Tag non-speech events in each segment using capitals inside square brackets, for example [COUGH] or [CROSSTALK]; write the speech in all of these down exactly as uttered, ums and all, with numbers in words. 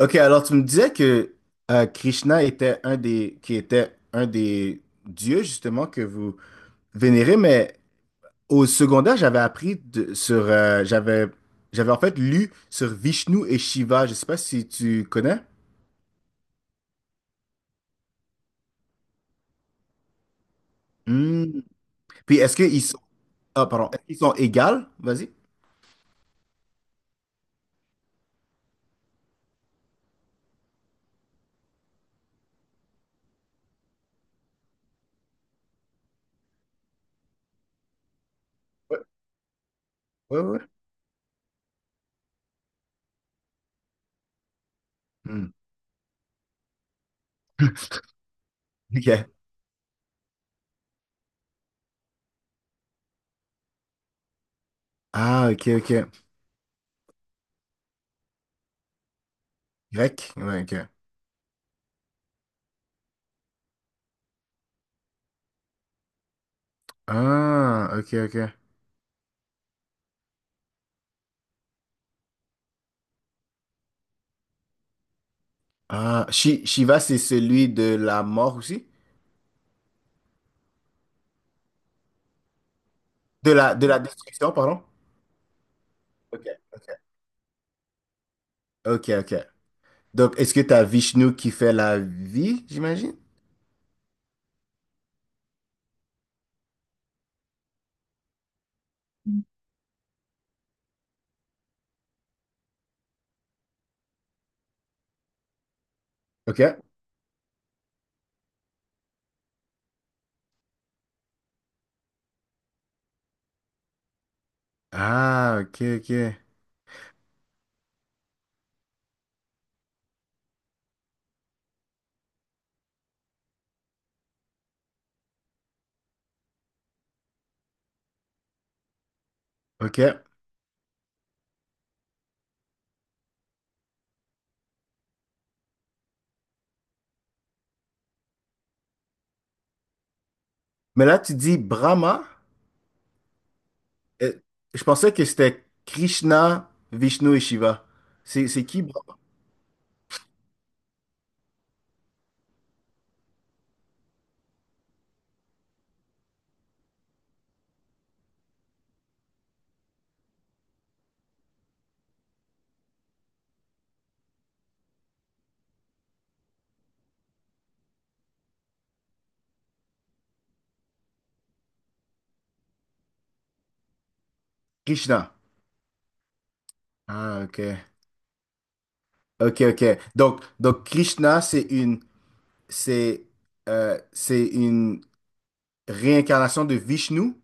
Ok, alors tu me disais que euh, Krishna était un des, qui était un des dieux justement que vous vénérez, mais au secondaire, j'avais appris de- sur, euh, j'avais, j'avais en fait lu sur Vishnu et Shiva. Je sais pas si tu connais. Hmm. Puis est-ce qu'ils sont, ah, pardon, est-ce qu'ils sont égales? Vas-y. Ouais, ouais, ouais. Hmm. Ok. Ah, ok, ok. Grec. Ouais, ok. Ah, ok, ok. Ah, Shi- Shiva, c'est celui de la mort aussi? De la, de la destruction, pardon? Ok, ok, ok. Ok. Donc, est-ce que t'as Vishnu qui fait la vie, j'imagine? Ok. Ah, ok, ok. Ok. Mais là, tu dis Brahma. Euh, Je pensais que c'était Krishna, Vishnu et Shiva. C'est c'est qui Brahma? Krishna. Ah, ok. Ok, ok. Donc, donc Krishna, c'est une, c'est, euh, c'est une réincarnation de Vishnu.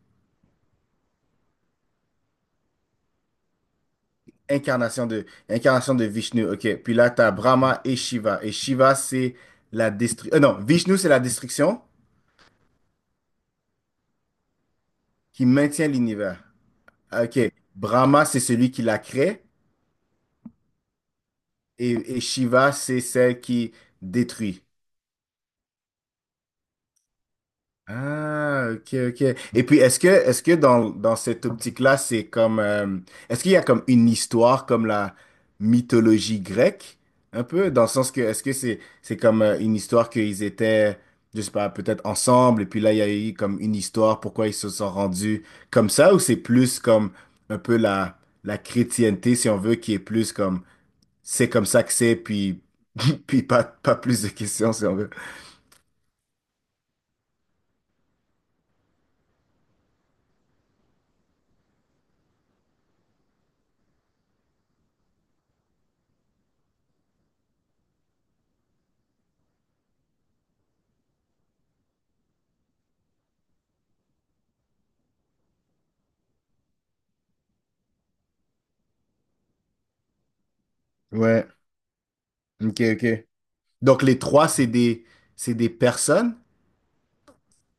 Incarnation de, incarnation de Vishnu, ok. Puis là, tu as Brahma et Shiva. Et Shiva, c'est la destruction. Non, Vishnu, c'est la destruction qui maintient l'univers. Ah, ok. Brahma, c'est celui qui la crée. Et, et Shiva, c'est celle qui détruit. Ah, ok, ok. Et puis, est-ce que, est-ce que dans, dans cette optique-là, c'est comme, euh, est-ce qu'il y a comme une histoire comme la mythologie grecque, un peu, dans le sens que, est-ce que c'est, c'est comme euh, une histoire qu'ils étaient, je sais pas, peut-être ensemble, et puis là, il y a eu comme une histoire, pourquoi ils se sont rendus comme ça, ou c'est plus comme un peu la, la chrétienté, si on veut, qui est plus comme, c'est comme ça que c'est, puis, [LAUGHS] puis pas, pas plus de questions, si on veut. Ouais, ok, ok. Donc les trois, c'est des, c'est des personnes?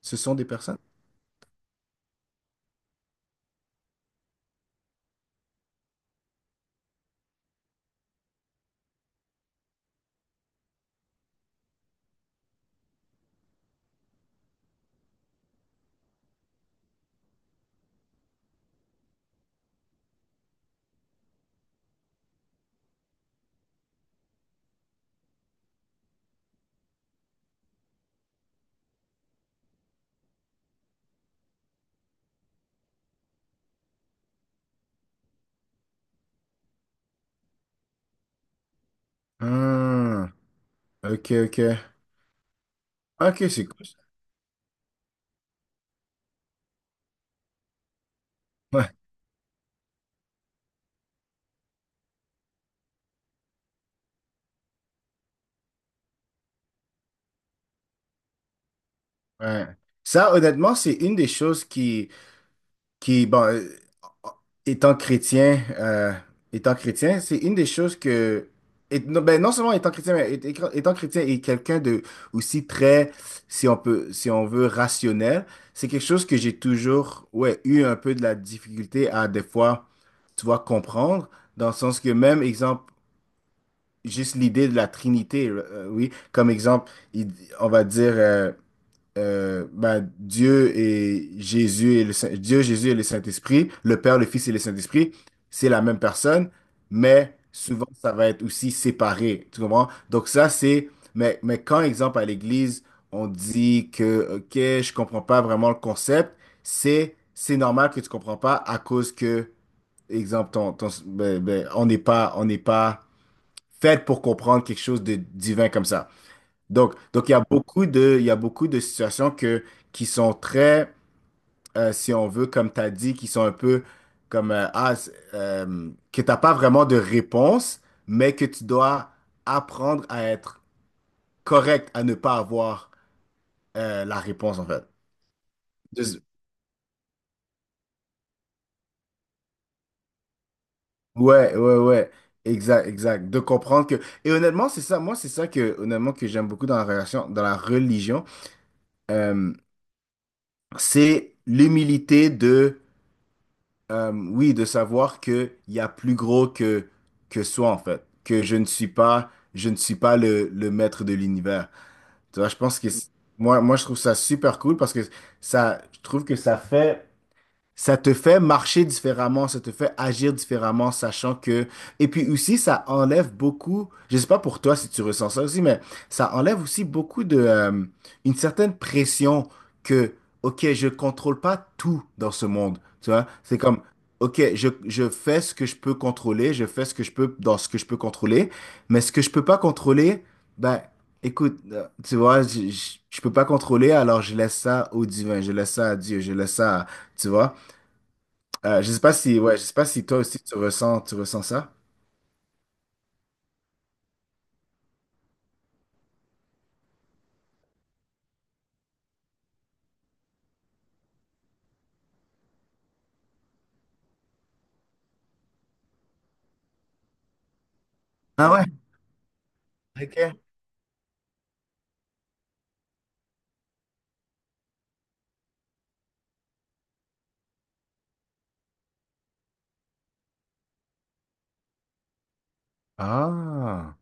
Ce sont des personnes? Hmm, ok, ok. Ok, c'est cool. ça. Ouais, ouais. Ça, honnêtement, c'est une des choses qui, qui, bon, euh, euh, étant chrétien, euh, étant chrétien, c'est une des choses que, et- non, ben, non seulement étant chrétien, mais é- é- étant chrétien et quelqu'un de aussi très, si on peut, si on veut, rationnel, c'est quelque chose que j'ai toujours, ouais, eu un peu de la difficulté à des fois, tu vois, comprendre, dans le sens que même exemple, juste l'idée de la Trinité, euh, oui, comme exemple, il- on va dire. Euh, euh, bah, Dieu et Jésus et le Saint- Dieu, Jésus et le Saint-Esprit, le Père, le Fils et le Saint-Esprit, c'est la même personne, mais souvent ça va être aussi séparé, tu comprends? Donc ça c'est, mais, mais quand exemple à l'Église, on dit que ok, je comprends pas vraiment le concept, c'est c'est normal que tu comprends pas à cause que exemple ton, ton- ben, ben, on n'est pas on n'est pas fait pour comprendre quelque chose de divin comme ça. Donc, donc il y a beaucoup de, il y a beaucoup de situations que, qui sont très, euh, si on veut, comme tu as dit, qui sont un peu comme, euh, ah, c'est- euh, que tu n'as pas vraiment de réponse, mais que tu dois apprendre à être correct, à ne pas avoir euh, la réponse, en fait. Just- ouais, ouais, ouais. Exact, exact. De comprendre que... Et honnêtement, c'est ça, moi, c'est ça que, honnêtement, que j'aime beaucoup dans la relation, dans la religion. Euh, c'est l'humilité. Euh, oui, de savoir que il y a plus gros que que soi en fait, que je ne suis pas je ne suis pas le, le maître de l'univers. Tu vois, je pense que c'est- moi moi je trouve ça super cool parce que ça je trouve que ça fait ça te fait marcher différemment, ça te fait agir différemment, sachant que... Et puis aussi, ça enlève beaucoup, je sais pas pour toi si tu ressens ça aussi, mais ça enlève aussi beaucoup de... euh, une certaine pression que, ok, je contrôle pas tout dans ce monde, tu vois? C'est comme, ok, je, je fais ce que je peux contrôler, je fais ce que je peux dans ce que je peux contrôler, mais ce que je peux pas contrôler, ben, écoute, euh, tu vois, je, je, je peux pas contrôler, alors je laisse ça au divin, je laisse ça à Dieu, je laisse ça à... Tu vois? Euh, je sais pas si, ouais, je sais pas si toi aussi tu ressens, tu ressens ça. Ah ouais? Ok. Ah.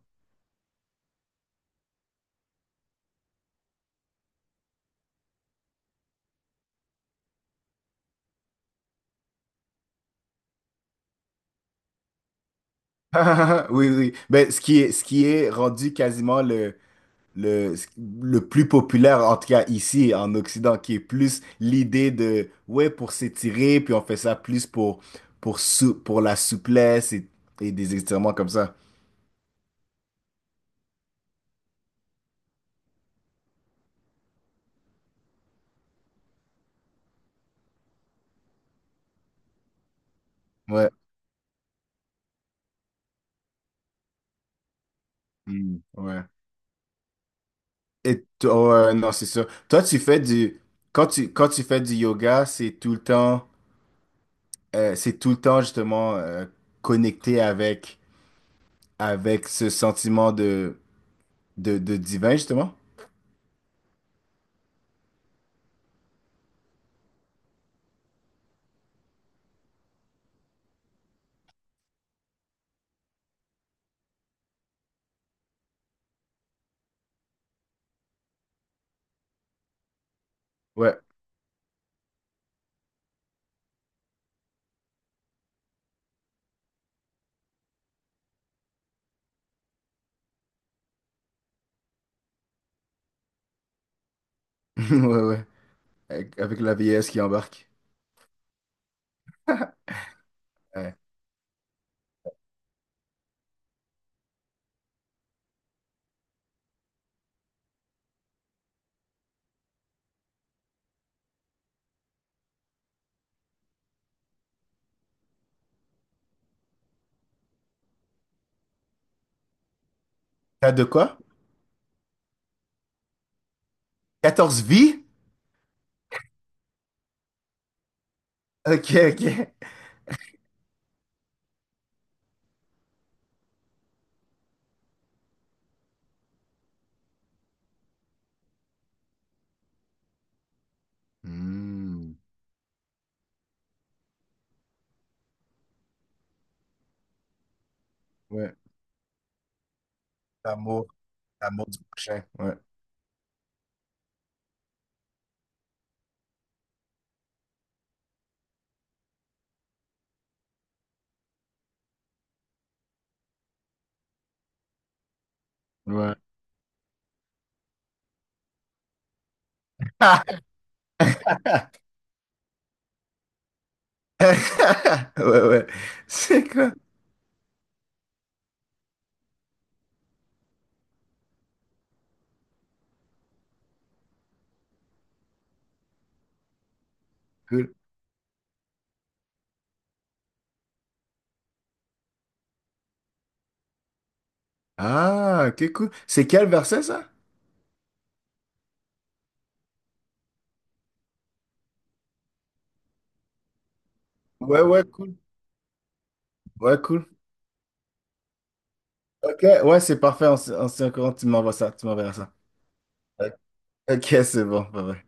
[LAUGHS] Oui, oui. Ben, ce qui est, ce qui est rendu quasiment le, le, le plus populaire, en tout cas ici, en Occident, qui est plus l'idée de, ouais, pour s'étirer, puis on fait ça plus pour, pour, sou- pour la souplesse et, et des étirements comme ça. Ouais. Mm, ouais. Et toi, ouais, non, c'est sûr. Toi, tu fais du, quand tu, quand tu fais du yoga, c'est tout le temps. Euh, c'est tout le temps justement euh, Connecté avec, avec ce sentiment de, de, de divin, justement. Ouais, [LAUGHS] ouais, ouais. Avec, avec la vieillesse qui embarque. Ouais. T'as de quoi? Quatorze vies? Ok, ok. Hmm. Ouais, l'amour, l'amour du prochain. Ouais, ouais. [LAUGHS] Ouais, ouais. C'est quoi? Cool. Ah, ok, cool. C'est quel verset, ça? Ouais, ouais, cool. Ouais, cool. Ok, ouais, c'est parfait. On, s- on, s- encore- tu m'envoies ça, tu m'enverras ça. Ok, c'est bon. Bye bye.